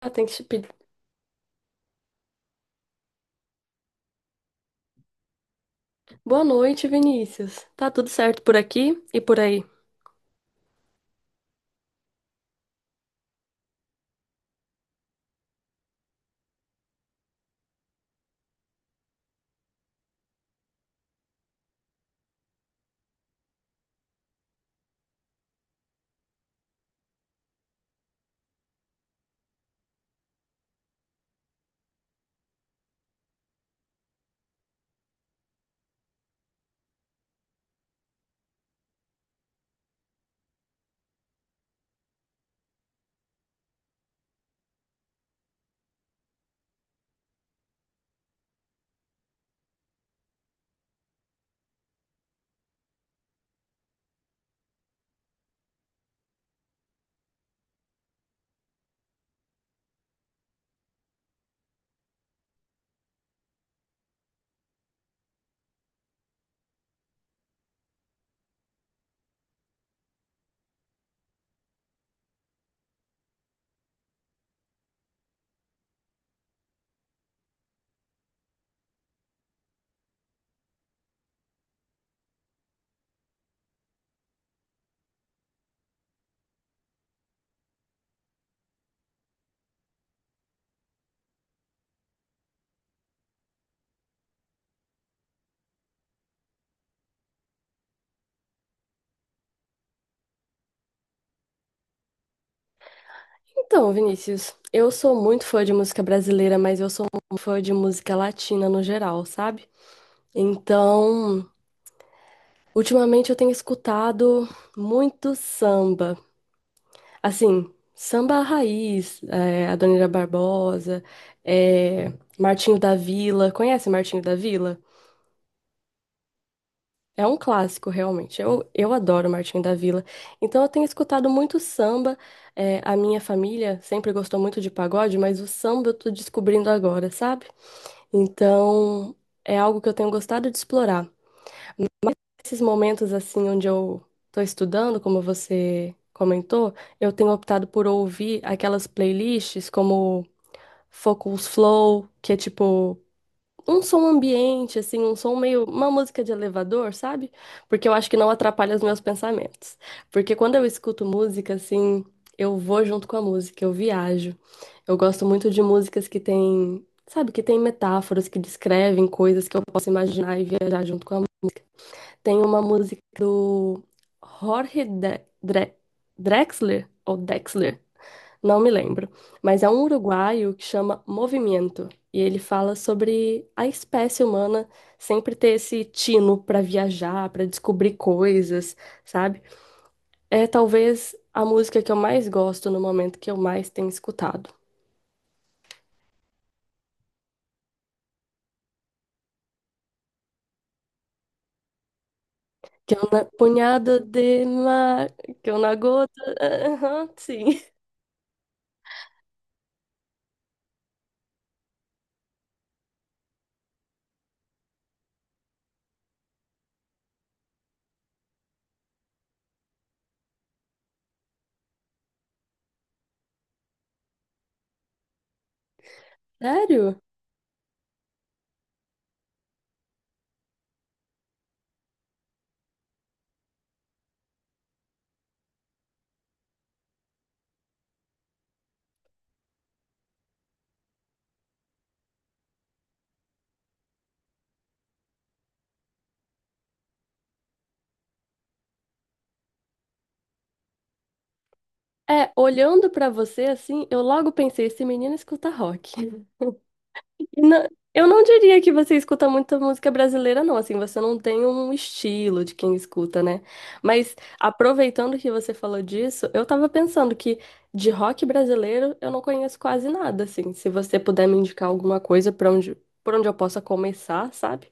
Ah, tem que se pedir. Boa noite, Vinícius. Tá tudo certo por aqui e por aí? Então, Vinícius, eu sou muito fã de música brasileira, mas eu sou um fã de música latina no geral, sabe? Então, ultimamente eu tenho escutado muito samba. Assim, samba raiz, Adoniran Barbosa, é, Martinho da Vila. Conhece Martinho da Vila? É um clássico, realmente. Eu adoro Martinho da Vila. Então, eu tenho escutado muito samba. É, a minha família sempre gostou muito de pagode, mas o samba eu tô descobrindo agora, sabe? Então, é algo que eu tenho gostado de explorar. Esses momentos, assim, onde eu tô estudando, como você comentou, eu tenho optado por ouvir aquelas playlists como Focus Flow, que é tipo um som ambiente, assim, um som meio, uma música de elevador, sabe? Porque eu acho que não atrapalha os meus pensamentos. Porque quando eu escuto música, assim, eu vou junto com a música, eu viajo. Eu gosto muito de músicas que têm, sabe, que têm metáforas, que descrevem coisas que eu posso imaginar e viajar junto com a música. Tem uma música do Jorge Drexler, ou Dexler. Não me lembro, mas é um uruguaio que chama Movimento, e ele fala sobre a espécie humana sempre ter esse tino para viajar, para descobrir coisas, sabe? É talvez a música que eu mais gosto no momento que eu mais tenho escutado. Que eu na punhada de mar, que eu na gota. Aham, sim. Sério? É, olhando para você assim, eu logo pensei, esse menino escuta rock. Eu não diria que você escuta muita música brasileira, não. Assim, você não tem um estilo de quem escuta, né? Mas aproveitando que você falou disso, eu tava pensando que de rock brasileiro eu não conheço quase nada, assim. Se você puder me indicar alguma coisa para onde, por onde eu possa começar, sabe?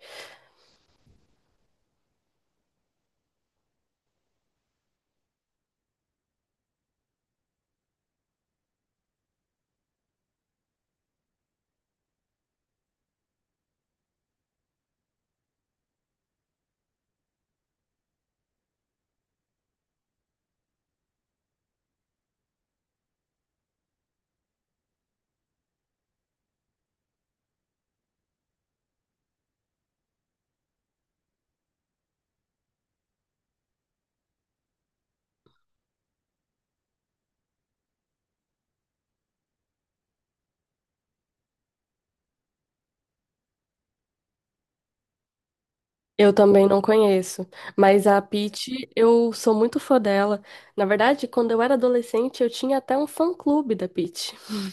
Eu também não conheço. Mas a Pitty, eu sou muito fã dela. Na verdade, quando eu era adolescente, eu tinha até um fã-clube da Pitty.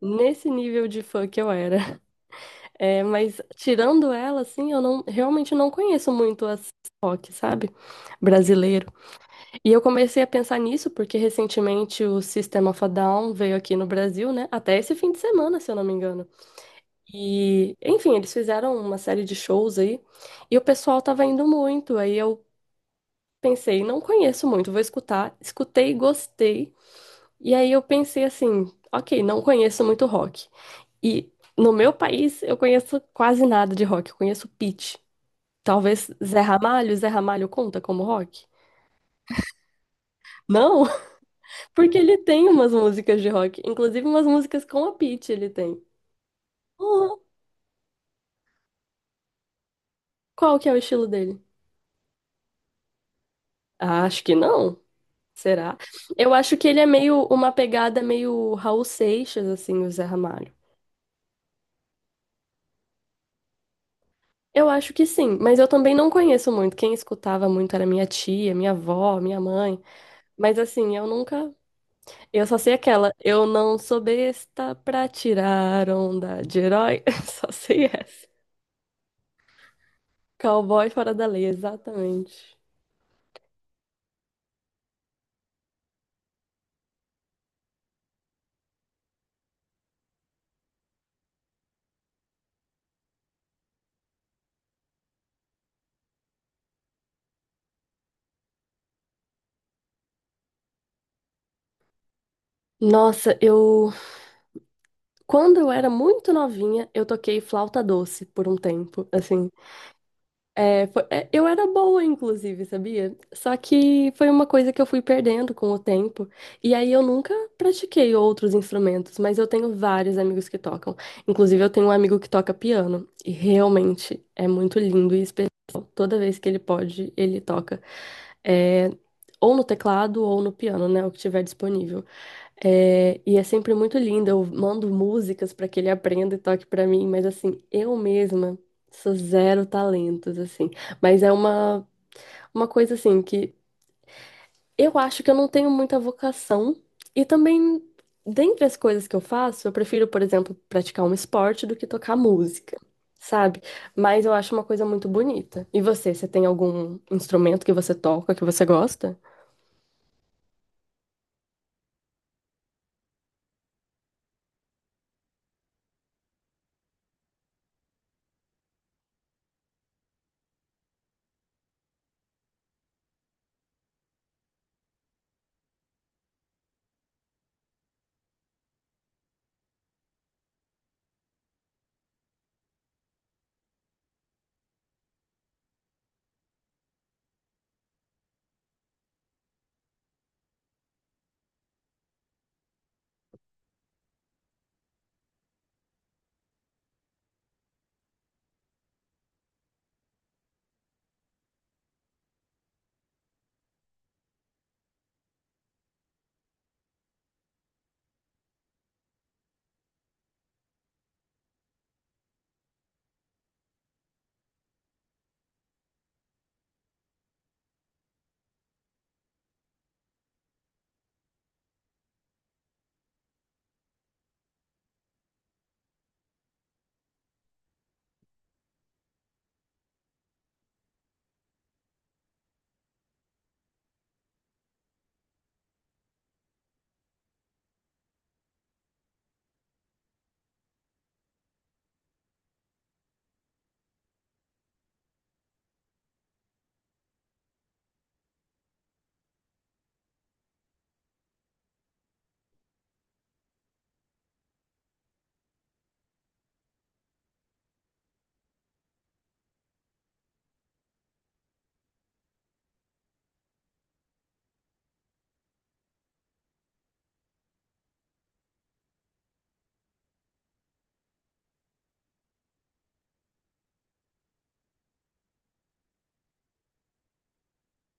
Nesse nível de fã que eu era. É, mas tirando ela, assim, eu não realmente não conheço muito as rock, sabe? Brasileiro. E eu comecei a pensar nisso porque recentemente o System of a Down veio aqui no Brasil, né? Até esse fim de semana, se eu não me engano. E, enfim, eles fizeram uma série de shows aí e o pessoal tava indo muito. Aí eu pensei, não conheço muito, vou escutar. Escutei, gostei. E aí eu pensei assim, ok, não conheço muito rock. E no meu país, eu conheço quase nada de rock. Eu conheço Pitty. Talvez Zé Ramalho, Zé Ramalho conta como rock? Não, porque ele tem umas músicas de rock, inclusive umas músicas com a Pitty ele tem. Uhum. Qual que é o estilo dele? Ah, acho que não. Será? Eu acho que ele é meio uma pegada meio Raul Seixas, assim, o Zé Ramalho. Eu acho que sim, mas eu também não conheço muito. Quem escutava muito era minha tia, minha avó, minha mãe. Mas assim, eu nunca. Eu só sei aquela. Eu não sou besta pra tirar onda de herói. Só sei essa. Cowboy fora da lei, exatamente. Nossa, eu. Quando eu era muito novinha, eu toquei flauta doce por um tempo. Assim, eu era boa, inclusive, sabia? Só que foi uma coisa que eu fui perdendo com o tempo. E aí eu nunca pratiquei outros instrumentos, mas eu tenho vários amigos que tocam. Inclusive, eu tenho um amigo que toca piano. E realmente é muito lindo e especial. Toda vez que ele pode, ele toca. É, ou no teclado ou no piano, né? O que tiver disponível. É, e é sempre muito lindo. Eu mando músicas para que ele aprenda e toque para mim, mas assim, eu mesma. Sou zero talentos, assim. Mas é uma coisa, assim, que eu acho que eu não tenho muita vocação. E também, dentre as coisas que eu faço, eu prefiro, por exemplo, praticar um esporte do que tocar música, sabe? Mas eu acho uma coisa muito bonita. E você, você tem algum instrumento que você toca, que você gosta?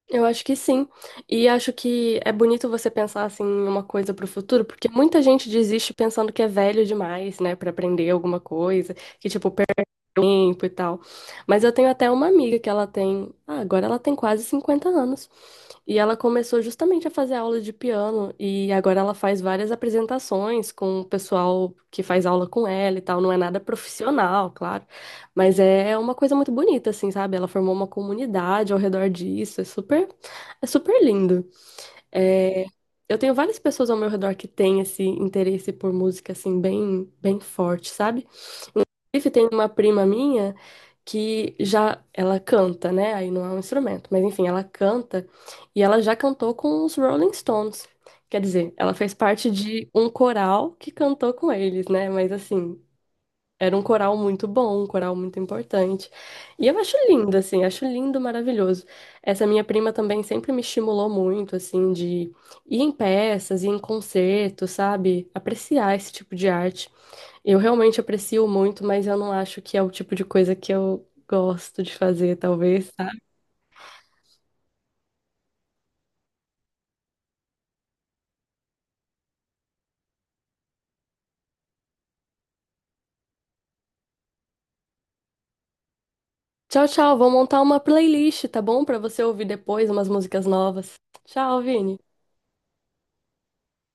Eu acho que sim. E acho que é bonito você pensar assim em uma coisa pro futuro, porque muita gente desiste pensando que é velho demais, né, pra aprender alguma coisa, que tipo tempo e tal. Mas eu tenho até uma amiga que ela tem, ah, agora ela tem quase 50 anos. E ela começou justamente a fazer aula de piano e agora ela faz várias apresentações com o pessoal que faz aula com ela e tal. Não é nada profissional, claro, mas é uma coisa muito bonita, assim, sabe? Ela formou uma comunidade ao redor disso. É super lindo. É, eu tenho várias pessoas ao meu redor que têm esse interesse por música, assim, bem, bem forte, sabe? Inclusive, tem uma prima minha que já ela canta, né? Aí não é um instrumento, mas enfim, ela canta e ela já cantou com os Rolling Stones. Quer dizer, ela fez parte de um coral que cantou com eles, né? Mas assim, era um coral muito bom, um coral muito importante. E eu acho lindo, assim, acho lindo, maravilhoso. Essa minha prima também sempre me estimulou muito, assim, de ir em peças, ir em concertos, sabe? Apreciar esse tipo de arte. Eu realmente aprecio muito, mas eu não acho que é o tipo de coisa que eu gosto de fazer, talvez, tá? Tchau, tchau. Vou montar uma playlist, tá bom? Pra você ouvir depois umas músicas novas. Tchau, Vini.